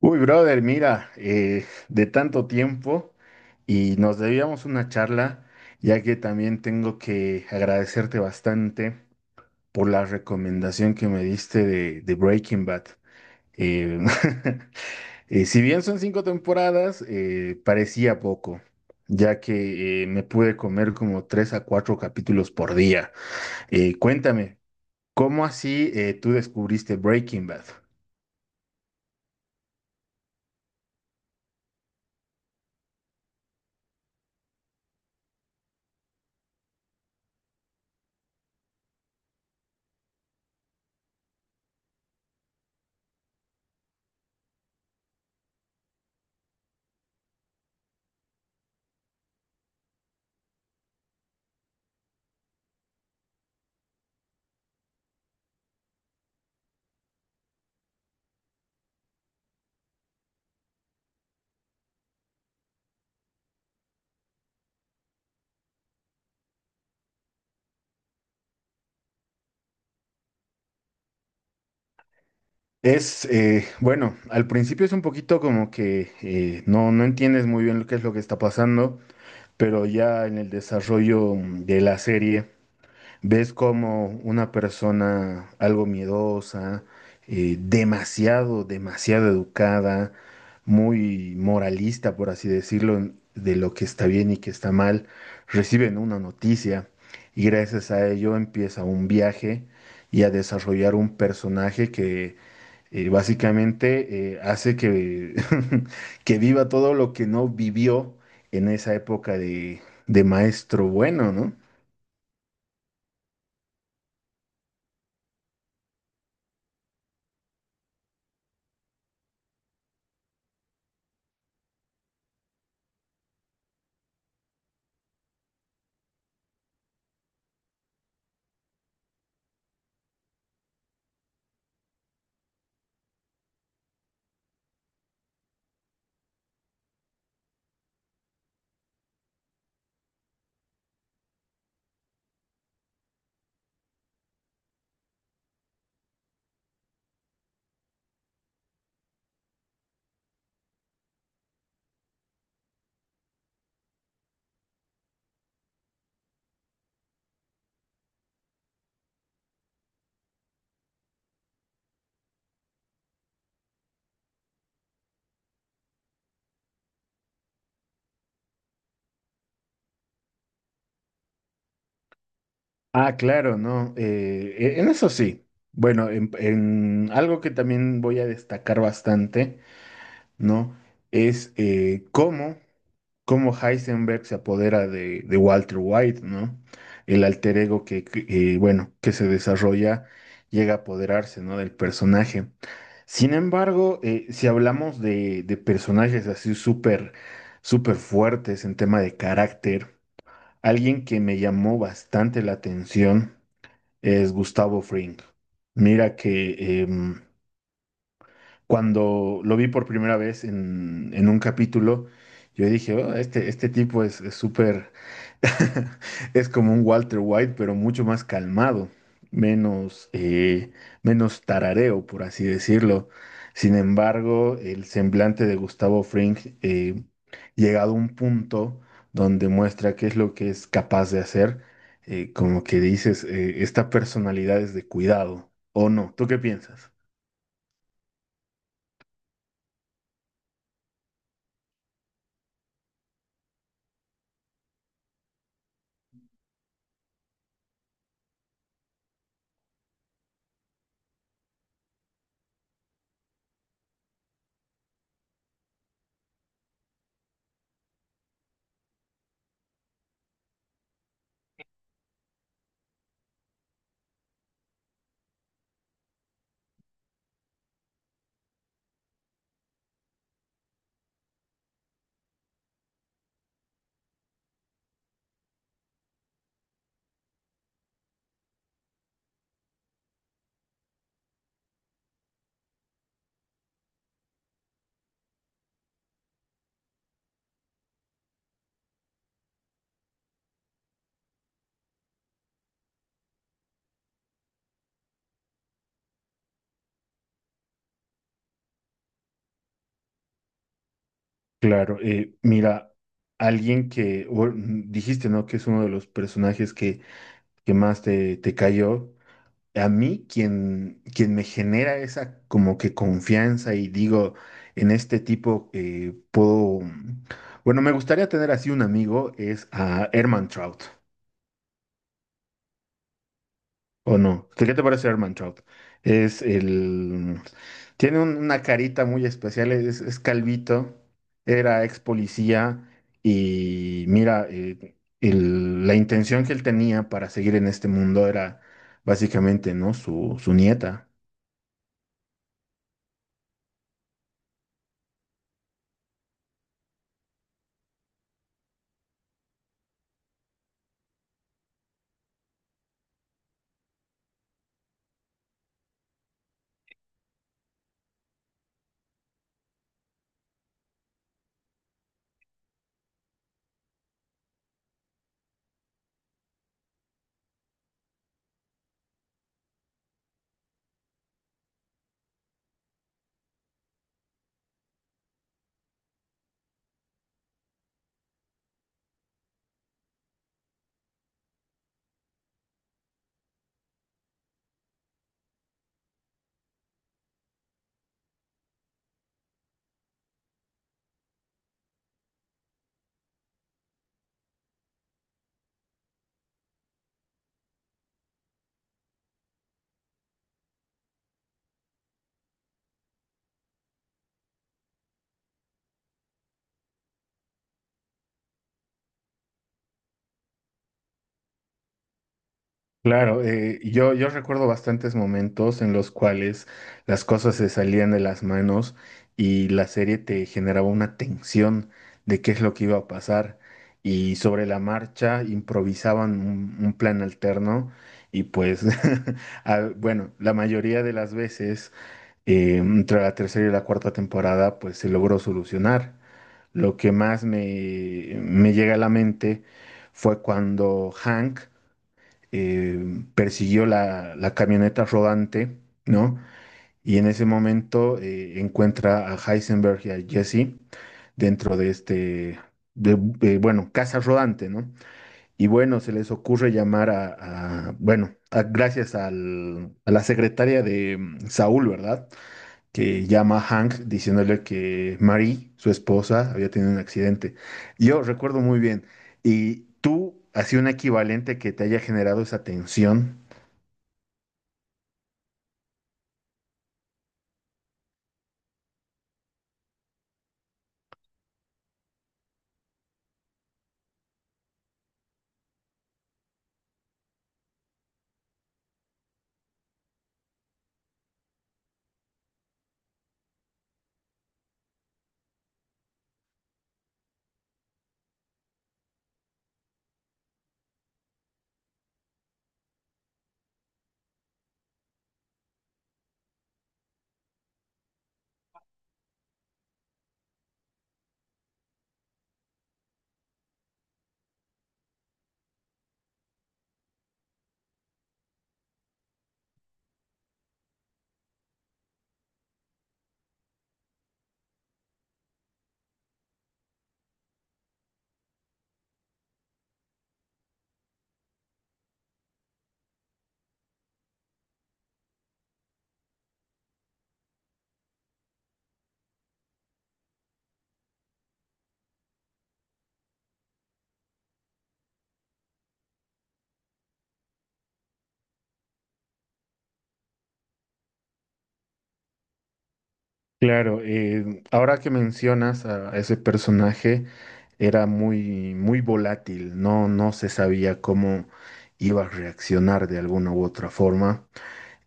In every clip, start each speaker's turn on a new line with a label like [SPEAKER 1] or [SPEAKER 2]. [SPEAKER 1] Uy, brother, mira, de tanto tiempo y nos debíamos una charla, ya que también tengo que agradecerte bastante por la recomendación que me diste de Breaking Bad. Eh, si bien son cinco temporadas, parecía poco, ya que me pude comer como tres a cuatro capítulos por día. Cuéntame, ¿cómo así tú descubriste Breaking Bad? Es, bueno, al principio es un poquito como que no, no entiendes muy bien lo que es lo que está pasando, pero ya en el desarrollo de la serie ves como una persona algo miedosa, demasiado educada, muy moralista, por así decirlo, de lo que está bien y que está mal, reciben una noticia y gracias a ello empieza un viaje y a desarrollar un personaje que básicamente hace que, que viva todo lo que no vivió en esa época de maestro bueno, ¿no? Ah, claro, no. En eso sí. Bueno, en algo que también voy a destacar bastante, ¿no? Es cómo. Cómo Heisenberg se apodera de Walter White, ¿no? El alter ego que, bueno, que se desarrolla llega a apoderarse, ¿no? Del personaje. Sin embargo, si hablamos de personajes así súper fuertes en tema de carácter, alguien que me llamó bastante la atención es Gustavo Fring. Mira que... em, cuando lo vi por primera vez en un capítulo, yo dije, "Oh, este tipo es súper, es como un Walter White, pero mucho más calmado, menos, menos tarareo, por así decirlo. Sin embargo, el semblante de Gustavo Fring, llegado a un punto donde muestra qué es lo que es capaz de hacer, como que dices, esta personalidad es de cuidado, ¿o no? ¿Tú qué piensas? Claro, mira, alguien que o- mm, dijiste, ¿no? Que es uno de los personajes que más te cayó. A mí, quien me genera esa como que confianza y digo, en este tipo puedo. Bueno, me gustaría tener así un amigo, es a Herman Trout. ¿O no? ¿Qué te parece Herman Trout? Es el... Tiene una carita muy especial, es calvito, era ex policía y mira, la intención que él tenía para seguir en este mundo era básicamente, ¿no? Su nieta. Claro, yo recuerdo bastantes momentos en los cuales las cosas se salían de las manos y la serie te generaba una tensión de qué es lo que iba a pasar y sobre la marcha improvisaban un plan alterno y pues, ah, bueno, la mayoría de las veces entre la tercera y la cuarta temporada pues se logró solucionar. Lo que más me llega a la mente fue cuando Hank persiguió la camioneta rodante, ¿no? Y en ese momento encuentra a Heisenberg y a Jesse dentro de este, bueno, casa rodante, ¿no? Y bueno, se les ocurre llamar bueno, gracias a la secretaria de Saúl, ¿verdad? Que llama a Hank diciéndole que Marie, su esposa, había tenido un accidente. Yo recuerdo muy bien. ¿Y tú, así un equivalente que te haya generado esa tensión? Claro, ahora que mencionas a ese personaje, era muy volátil, no, no se sabía cómo iba a reaccionar de alguna u otra forma.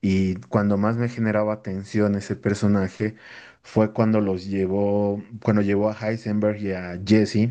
[SPEAKER 1] Y cuando más me generaba tensión ese personaje fue cuando los llevó, cuando llevó a Heisenberg y a Jesse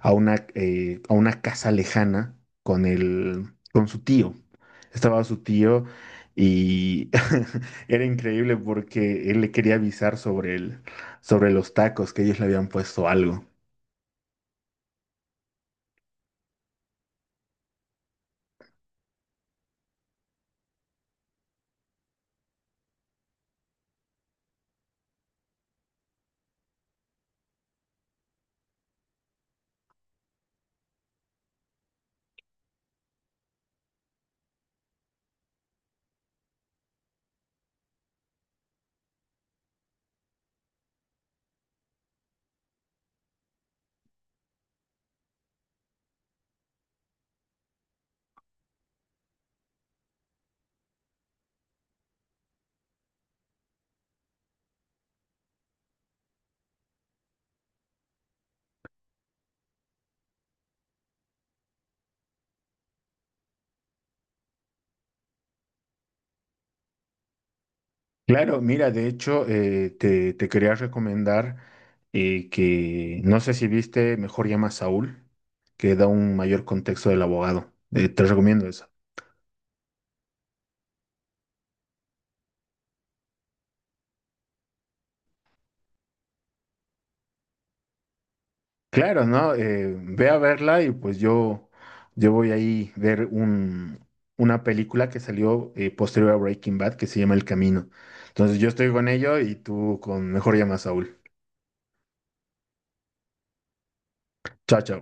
[SPEAKER 1] a una casa lejana con el, con su tío. Estaba su tío y era increíble porque él le quería avisar sobre el, sobre los tacos que ellos le habían puesto algo. Claro, mira, de hecho, te quería recomendar que, no sé si viste, Mejor Llama a Saúl, que da un mayor contexto del abogado. Te recomiendo eso. Claro, ¿no? Ve a verla y pues yo voy ahí ver una película que salió posterior a Breaking Bad que se llama El Camino. Entonces yo estoy con ello y tú con Mejor Llama a Saúl. Chao, chao.